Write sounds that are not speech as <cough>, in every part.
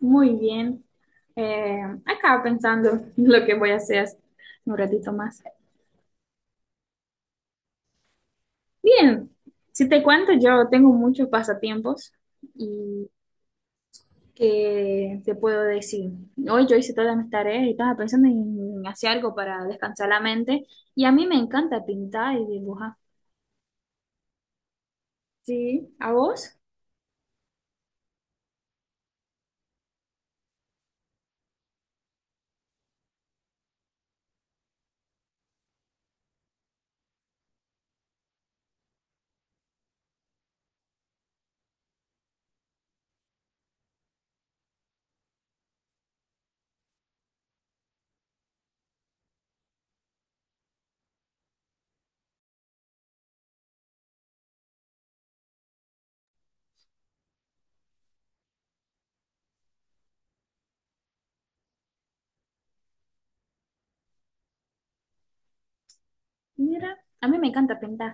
Muy bien. Eh, Acaba pensando <laughs> lo que voy a hacer un ratito más. Bien, si te cuento, yo tengo muchos pasatiempos y que te puedo decir, hoy yo hice todas mis tareas y estaba pensando en hacer algo para descansar la mente y a mí me encanta pintar y dibujar. Sí, ¿a vos? Mira, a mí me encanta pintar.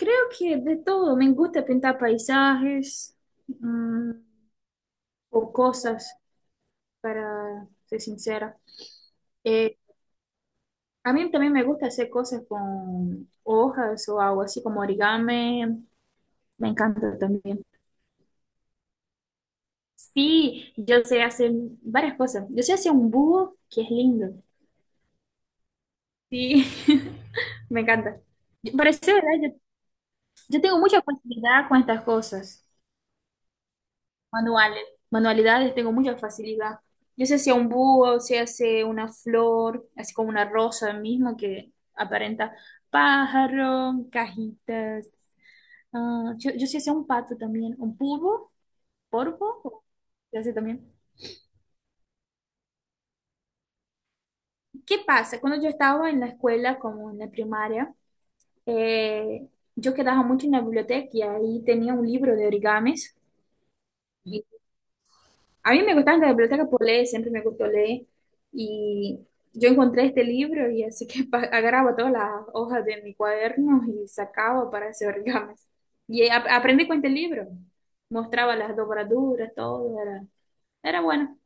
Creo que de todo, me gusta pintar paisajes mm, o cosas, para ser sincera. Eh, a mí también me gusta hacer cosas con hojas o algo así como origami. Me encanta también. Sí, yo sé hacer varias cosas. Yo sé hacer un búho que es lindo. Sí, <laughs> me encanta. Parece verdad, yo tengo mucha facilidad con estas cosas. Manuales, Manualidades, tengo mucha facilidad. Yo sé hacer un búho, sé hacer una flor, así como una rosa mismo que aparenta pájaro, cajitas. Ah, yo sé hacer un pato también, un pulpo, polvo, yo sé también. ¿Qué pasa? Cuando yo estaba en la escuela, como en la primaria, eh, yo quedaba mucho en la biblioteca y ahí tenía un libro de origamis. Y a mí me gustaba la biblioteca por leer, siempre me gustó leer. Y yo encontré este libro y así que agarraba todas las hojas de mi cuaderno y sacaba para hacer origamis. Y aprendí con este libro. Mostraba las dobraduras, todo, era bueno.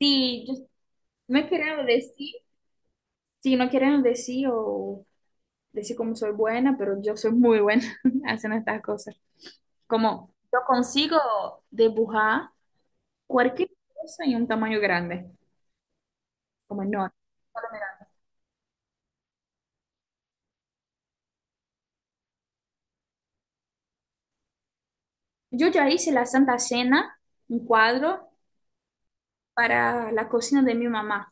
Sí, no queremos decir, sí, no queremos decir o decir como soy buena, pero yo soy muy buena <laughs> haciendo estas cosas. Como yo consigo dibujar cualquier cosa en un tamaño grande, como enorme. Solo mirar. Yo ya hice la Santa Cena, un cuadro para la cocina de mi mamá.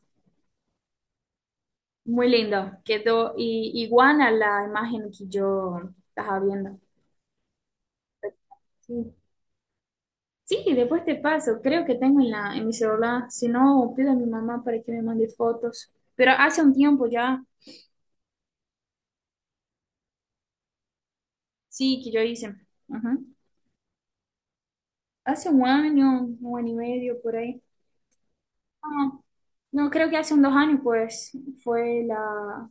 Muy lindo, quedó igual a la imagen que yo estaba viendo. Sí. Sí, después te paso. Creo que tengo en en mi celular. Si no, pido a mi mamá para que me mande fotos. Pero hace un tiempo ya, sí, que yo hice. Ajá. Hace un año y medio por ahí. No, no, creo que hace un 2 años, pues, fue la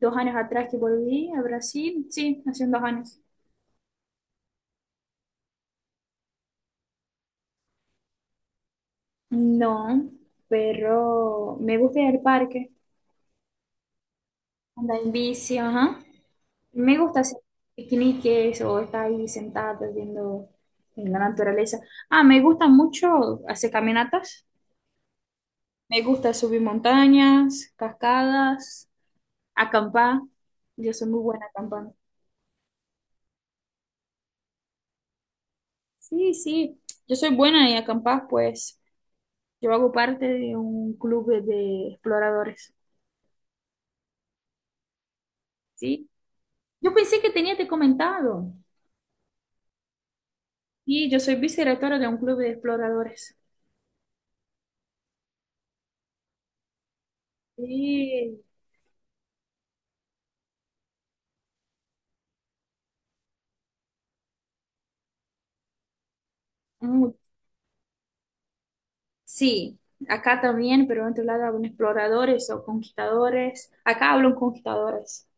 2 años atrás que volví a Brasil. Sí, hace un 2 años. No, pero me gusta ir al parque, andar en bici, ajá. Me gusta hacer piqueniques o estar ahí sentada viendo en la naturaleza. Ah, me gusta mucho hacer caminatas. Me gusta subir montañas, cascadas, acampar. Yo soy muy buena acampando. Sí, sí, yo soy buena en acampar, pues yo hago parte de un club de exploradores. Sí, yo pensé que tenía te comentado. Sí, yo soy vicerectora de un club de exploradores. Sí, mm, sí, acá también, pero en otro lado hablan exploradores o conquistadores. Acá hablan conquistadores.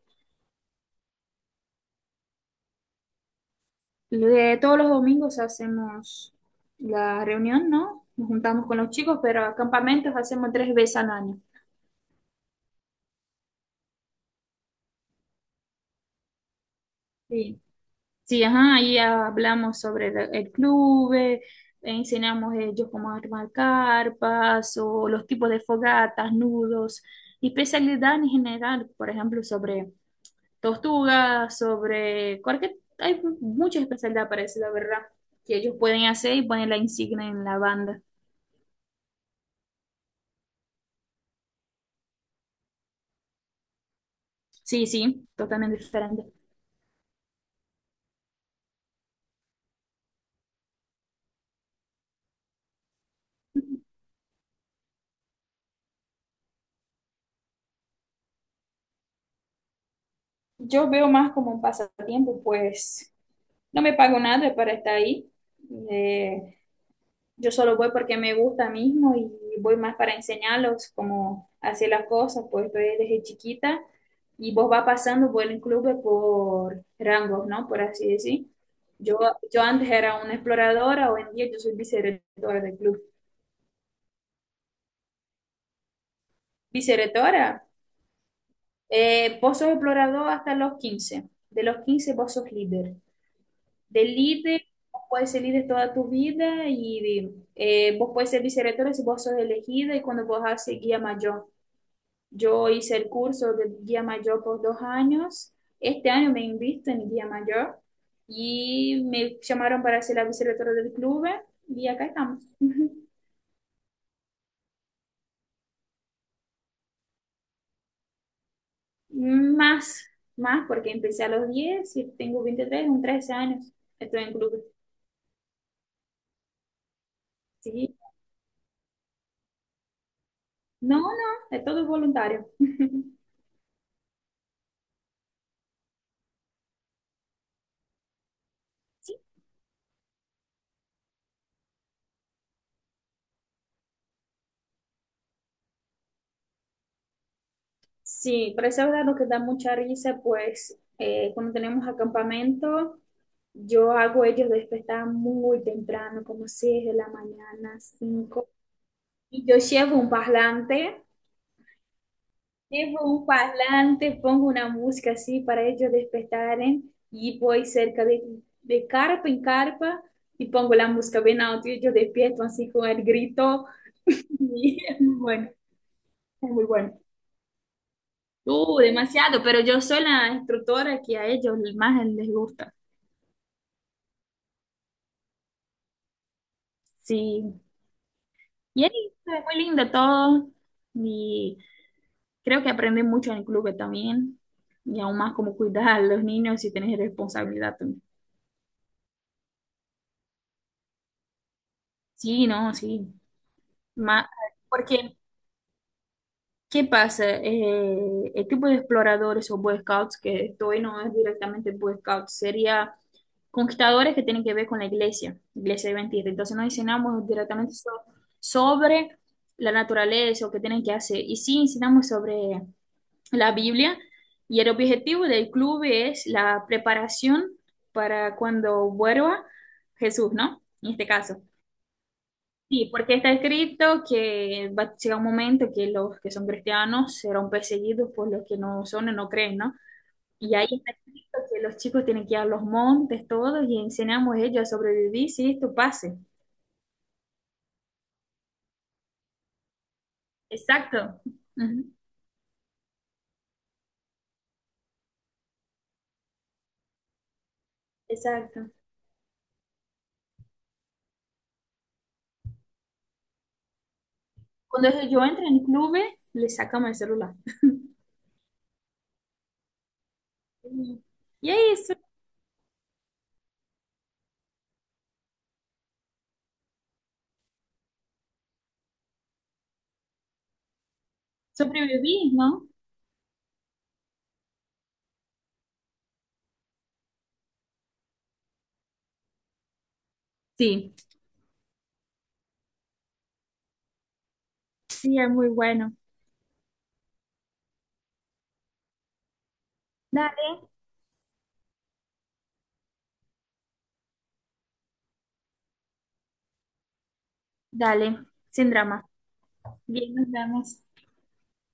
De todos los domingos hacemos la reunión, ¿no? Nos juntamos con los chicos, pero campamentos hacemos 3 veces al año. Sí, sí, ajá, ahí hablamos sobre el club, enseñamos ellos cómo armar carpas o los tipos de fogatas, nudos y especialidad en general, por ejemplo, sobre tortuga, sobre cualquier. Hay mucha especialidad la ¿verdad? Que ellos pueden hacer y poner la insignia en la banda. Sí, sí, totalmente diferente. Yo veo más como un pasatiempo, pues no me pago nada para estar ahí. Eh, Yo solo voy porque me gusta mismo y voy más para enseñarlos cómo hacer las cosas, pues estoy desde chiquita y vos vas pasando por el club por rangos, ¿no? Por así decir. Yo, yo antes era una exploradora, hoy en día yo soy vicerectora del club. Vicerectora, vos sos explorador hasta los 15. De los 15 vos sos líder. De líder, vos puedes ser líder toda tu vida y vos puedes ser vicerectora si vos sos elegida y cuando vos seguir guía mayor. Yo hice el curso de guía mayor por 2 años. Este año me invitan en guía mayor y me llamaron para ser la vicerectora del club y acá estamos. <laughs> Más, más porque empecé a los 10 y tengo 23 son 13 años. Estoy en club. Sí. No, no, es todo voluntario. <laughs> Sí, pero esa verdad lo que da mucha risa, pues cuando tenemos acampamento, yo hago ellos despertar muy temprano, como 6 de la mañana, 5. Y yo llevo un parlante, pongo una música así para ellos despertaren y voy cerca de carpa en carpa y pongo la música bien alto y ellos despiertan así con el grito. <laughs> Y es muy bueno, es muy bueno. Demasiado, pero yo soy la instructora que a ellos más les gusta. Sí, y ahí fue muy lindo todo. Y creo que aprendí mucho en el club también. Y aún más cómo cuidar a los niños y tener responsabilidad también. Sí, no, sí. Ma- Porque, ¿qué pasa? El tipo de exploradores o Boy Scouts que estoy no es directamente Boy Scouts, sería conquistadores que tienen que ver con la iglesia, iglesia adventista. Entonces no enseñamos directamente sobre la naturaleza o qué tienen que hacer, y sí enseñamos sobre la Biblia. Y el objetivo del club es la preparación para cuando vuelva Jesús, ¿no? En este caso. Sí, porque está escrito que va a llegar un momento que los que son cristianos serán perseguidos por los que no son o no creen, ¿no? Y ahí está escrito que los chicos tienen que ir a los montes, todos, y enseñamos a ellos a sobrevivir si esto pase. Exacto. Ujú. Exacto. Cuando ellos yo entro en clubes, les sacamos el celular. <laughs> Sí. Y ahí sobreviví, ¿no? Sí, sí, es muy bueno. Dale, dale, sin drama. Bien, nos vemos.